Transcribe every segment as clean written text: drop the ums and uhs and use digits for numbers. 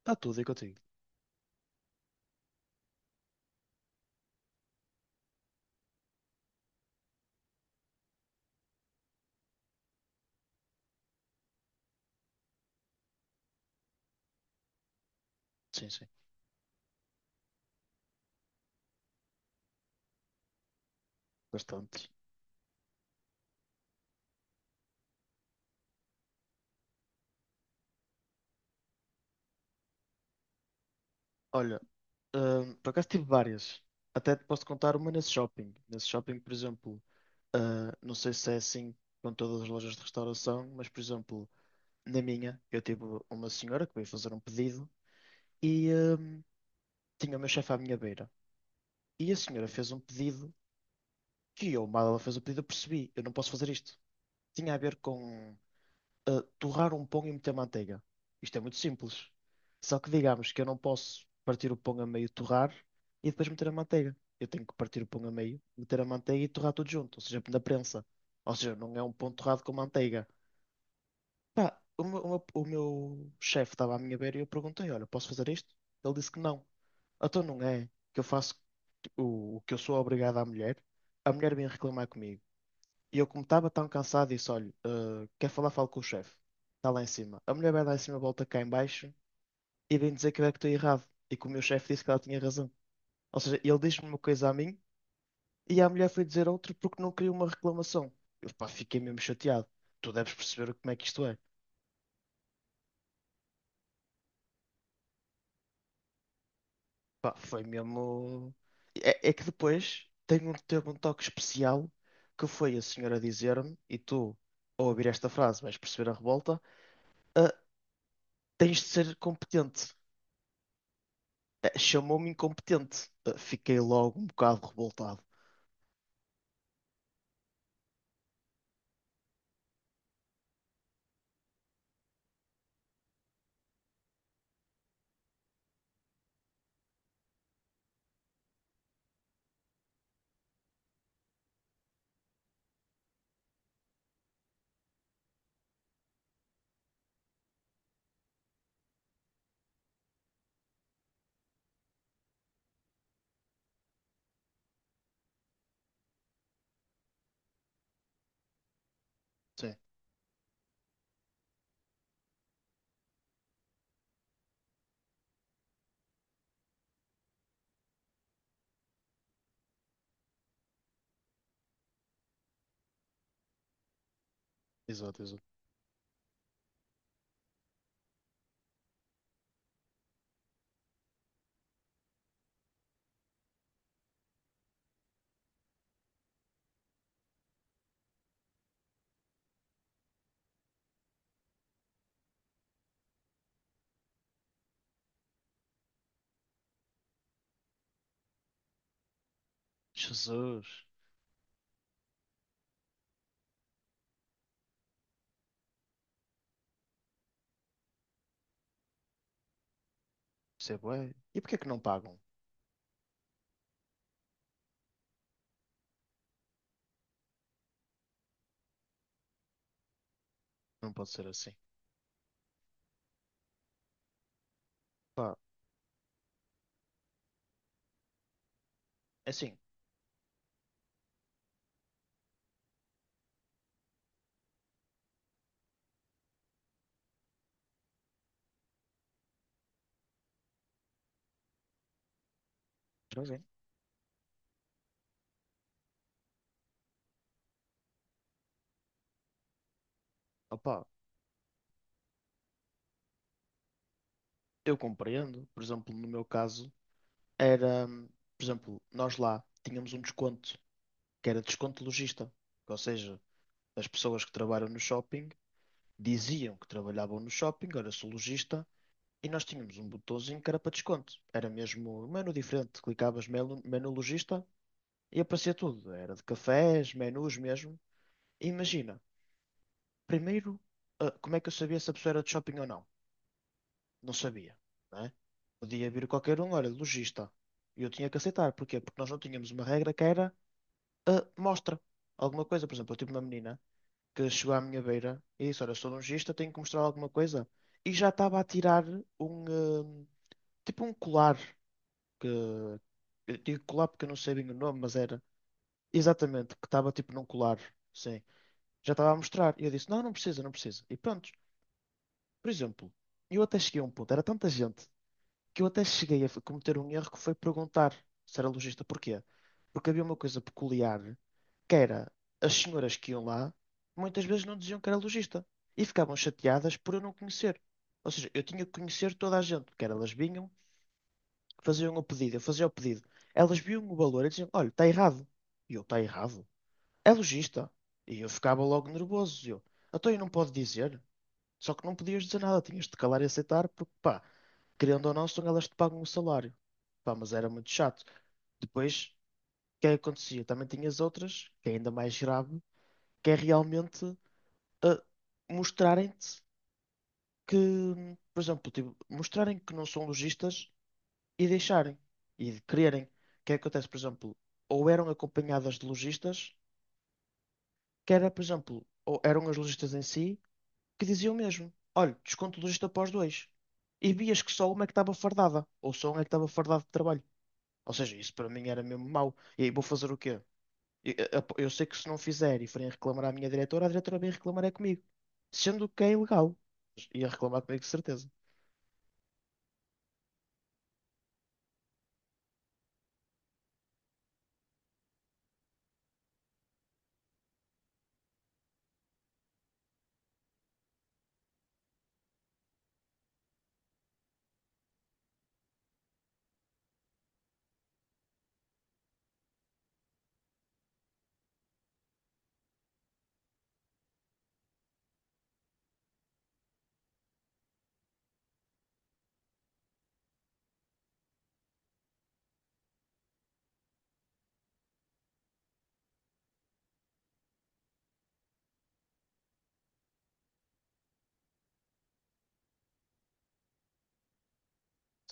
Está tudo aí contigo. Sim, sim. Bastante. Olha, por acaso tive várias. Até te posso contar uma nesse shopping. Nesse shopping, por exemplo, não sei se é assim com todas as lojas de restauração, mas, por exemplo, na minha, eu tive uma senhora que veio fazer um pedido e tinha o meu chefe à minha beira. E a senhora fez um pedido que eu, mal ela fez o pedido, eu percebi, eu não posso fazer isto. Tinha a ver com torrar um pão e meter manteiga. Isto é muito simples. Só que digamos que eu não posso partir o pão a meio, torrar e depois meter a manteiga. Eu tenho que partir o pão a meio, meter a manteiga e torrar tudo junto, ou seja, na prensa. Ou seja, não é um pão torrado com manteiga. Pá, o meu chefe estava à minha beira e eu perguntei: Olha, posso fazer isto? Ele disse que não. Então não é que eu faço o que eu sou obrigado à mulher. A mulher vem reclamar comigo. E eu, como estava tão cansado, disse: Olha, quer falar? Falo com o chefe. Está lá em cima. A mulher vai lá em cima, volta cá em baixo e vem dizer que eu é que estou errado. E que o meu chefe disse que ela tinha razão. Ou seja, ele disse-me uma coisa a mim e a mulher foi dizer outra porque não queria uma reclamação. Eu, pá, fiquei mesmo chateado. Tu deves perceber como é que isto é. Pá, foi mesmo. É, é que depois tem um, teve um toque especial que foi a senhora dizer-me, e tu, ao ouvir esta frase, vais perceber a revolta. "Ah, tens de ser competente." Chamou-me incompetente. Fiquei logo um bocado revoltado. Sim, exato, exato. Jesus, isso é bué. E porquê que não pagam? Não pode ser assim. Pá, é assim, joguem. Opá, eu compreendo. Por exemplo, no meu caso, era, por exemplo, nós lá tínhamos um desconto, que era desconto lojista. Ou seja, as pessoas que trabalham no shopping diziam que trabalhavam no shopping, era sou lojista, e nós tínhamos um botãozinho que era para desconto. Era mesmo um menu diferente. Clicavas menu, menu lojista. E aparecia tudo. Era de cafés, menus mesmo. E imagina, primeiro, como é que eu sabia se a pessoa era de shopping ou não? Não sabia, não é? Podia vir qualquer um, olha, lojista. E eu tinha que aceitar. Porquê? Porque nós não tínhamos uma regra que era mostra alguma coisa. Por exemplo, eu tive uma menina que chegou à minha beira e disse, olha, sou lojista, tenho que mostrar alguma coisa. E já estava a tirar um, tipo um colar. Que, eu digo colar porque eu não sei bem o nome, mas era exatamente, que estava tipo num colar. Sim. Já estava a mostrar. E eu disse: não, não precisa, não precisa. E pronto. Por exemplo, eu até cheguei a um ponto, era tanta gente, que eu até cheguei a cometer um erro que foi perguntar se era lojista porquê. Porque havia uma coisa peculiar, que era as senhoras que iam lá, muitas vezes não diziam que era lojista. E ficavam chateadas por eu não conhecer. Ou seja, eu tinha que conhecer toda a gente, porque elas vinham, faziam o pedido, eu fazia o pedido. Elas viam o valor e diziam: olha, está errado. E eu: está errado. É lojista. E eu ficava logo nervoso. E eu, então eu não pode dizer. Só que não podias dizer nada, tinhas de calar e aceitar, porque pá, querendo ou não, são elas que te pagam o salário. Pá, mas era muito chato. Depois, o que é que acontecia? Também tinhas outras, que é ainda mais grave, que é realmente ah, mostrarem-te que, por exemplo, tipo, mostrarem que não são lojistas e deixarem, e de quererem. O que é que acontece, por exemplo, ou eram acompanhadas de lojistas, que era, por exemplo, ou eram as lojistas em si, que dizia o mesmo. Olha, desconto do gesto após dois. E vias que só uma é que estava fardada, ou só um é que estava fardado de trabalho. Ou seja, isso para mim era mesmo mau. E aí vou fazer o quê? Eu sei que se não fizer e forem reclamar à minha diretora, a diretora vem reclamar é comigo. Sendo que é ilegal. Ia reclamar comigo de certeza.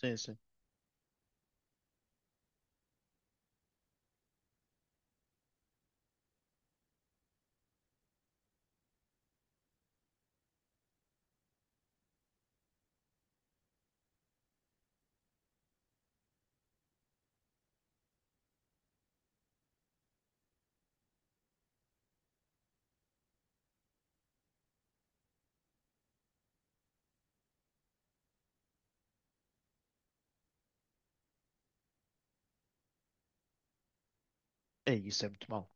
Sim, sim. É, isso é muito mau,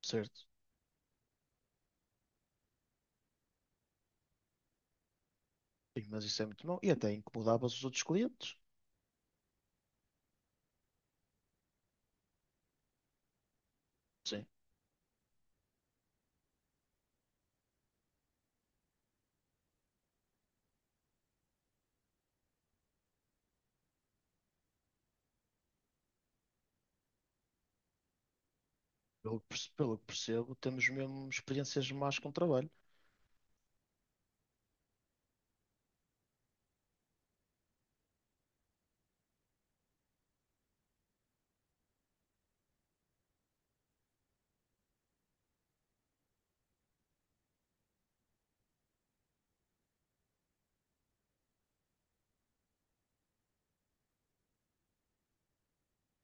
certo? Sim, mas isso é muito mau. E até incomodava os outros clientes. Sim. Pelo que pelo que percebo, temos mesmo experiências más com o trabalho.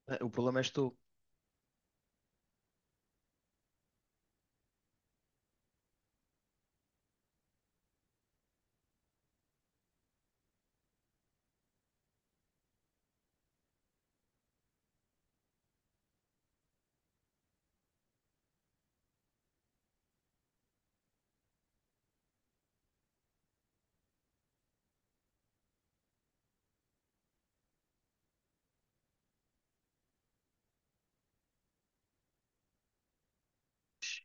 O problema és tu.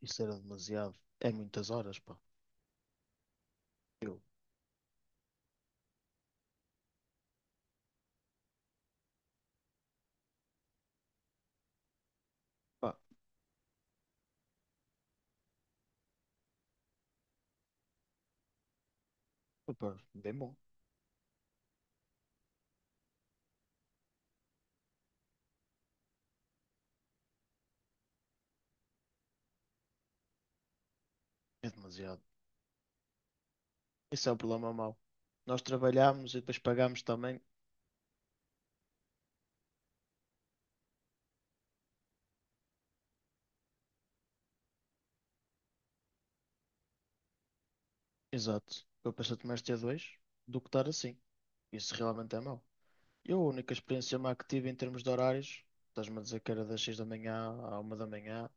Isso era demasiado. É muitas horas, pá. Eu, pá, opa, bem bom. É demasiado. Isso é o problema mau. Nós trabalhámos e depois pagámos também. Exato. Eu pensei mais ter dois do que estar assim. Isso realmente é mau. Eu, a única experiência má que tive em termos de horários, estás-me a dizer que era das 6 da manhã à 1 da manhã,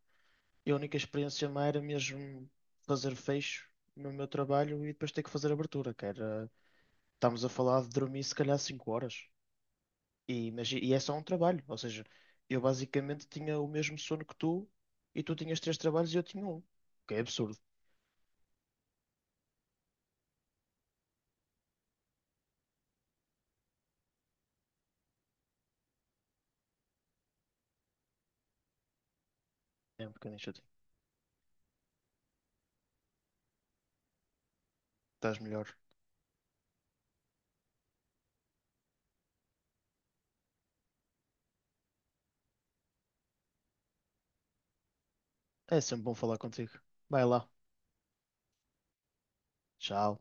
e a única experiência má era mesmo fazer fecho no meu trabalho e depois ter que fazer abertura, que era. Estamos a falar de dormir se calhar 5 horas. E, mas, e é só um trabalho. Ou seja, eu basicamente tinha o mesmo sono que tu e tu tinhas 3 trabalhos e eu tinha um. Que é absurdo. É um bocadinho chatinho. Estás melhor. É sempre bom falar contigo. Vai lá. Tchau.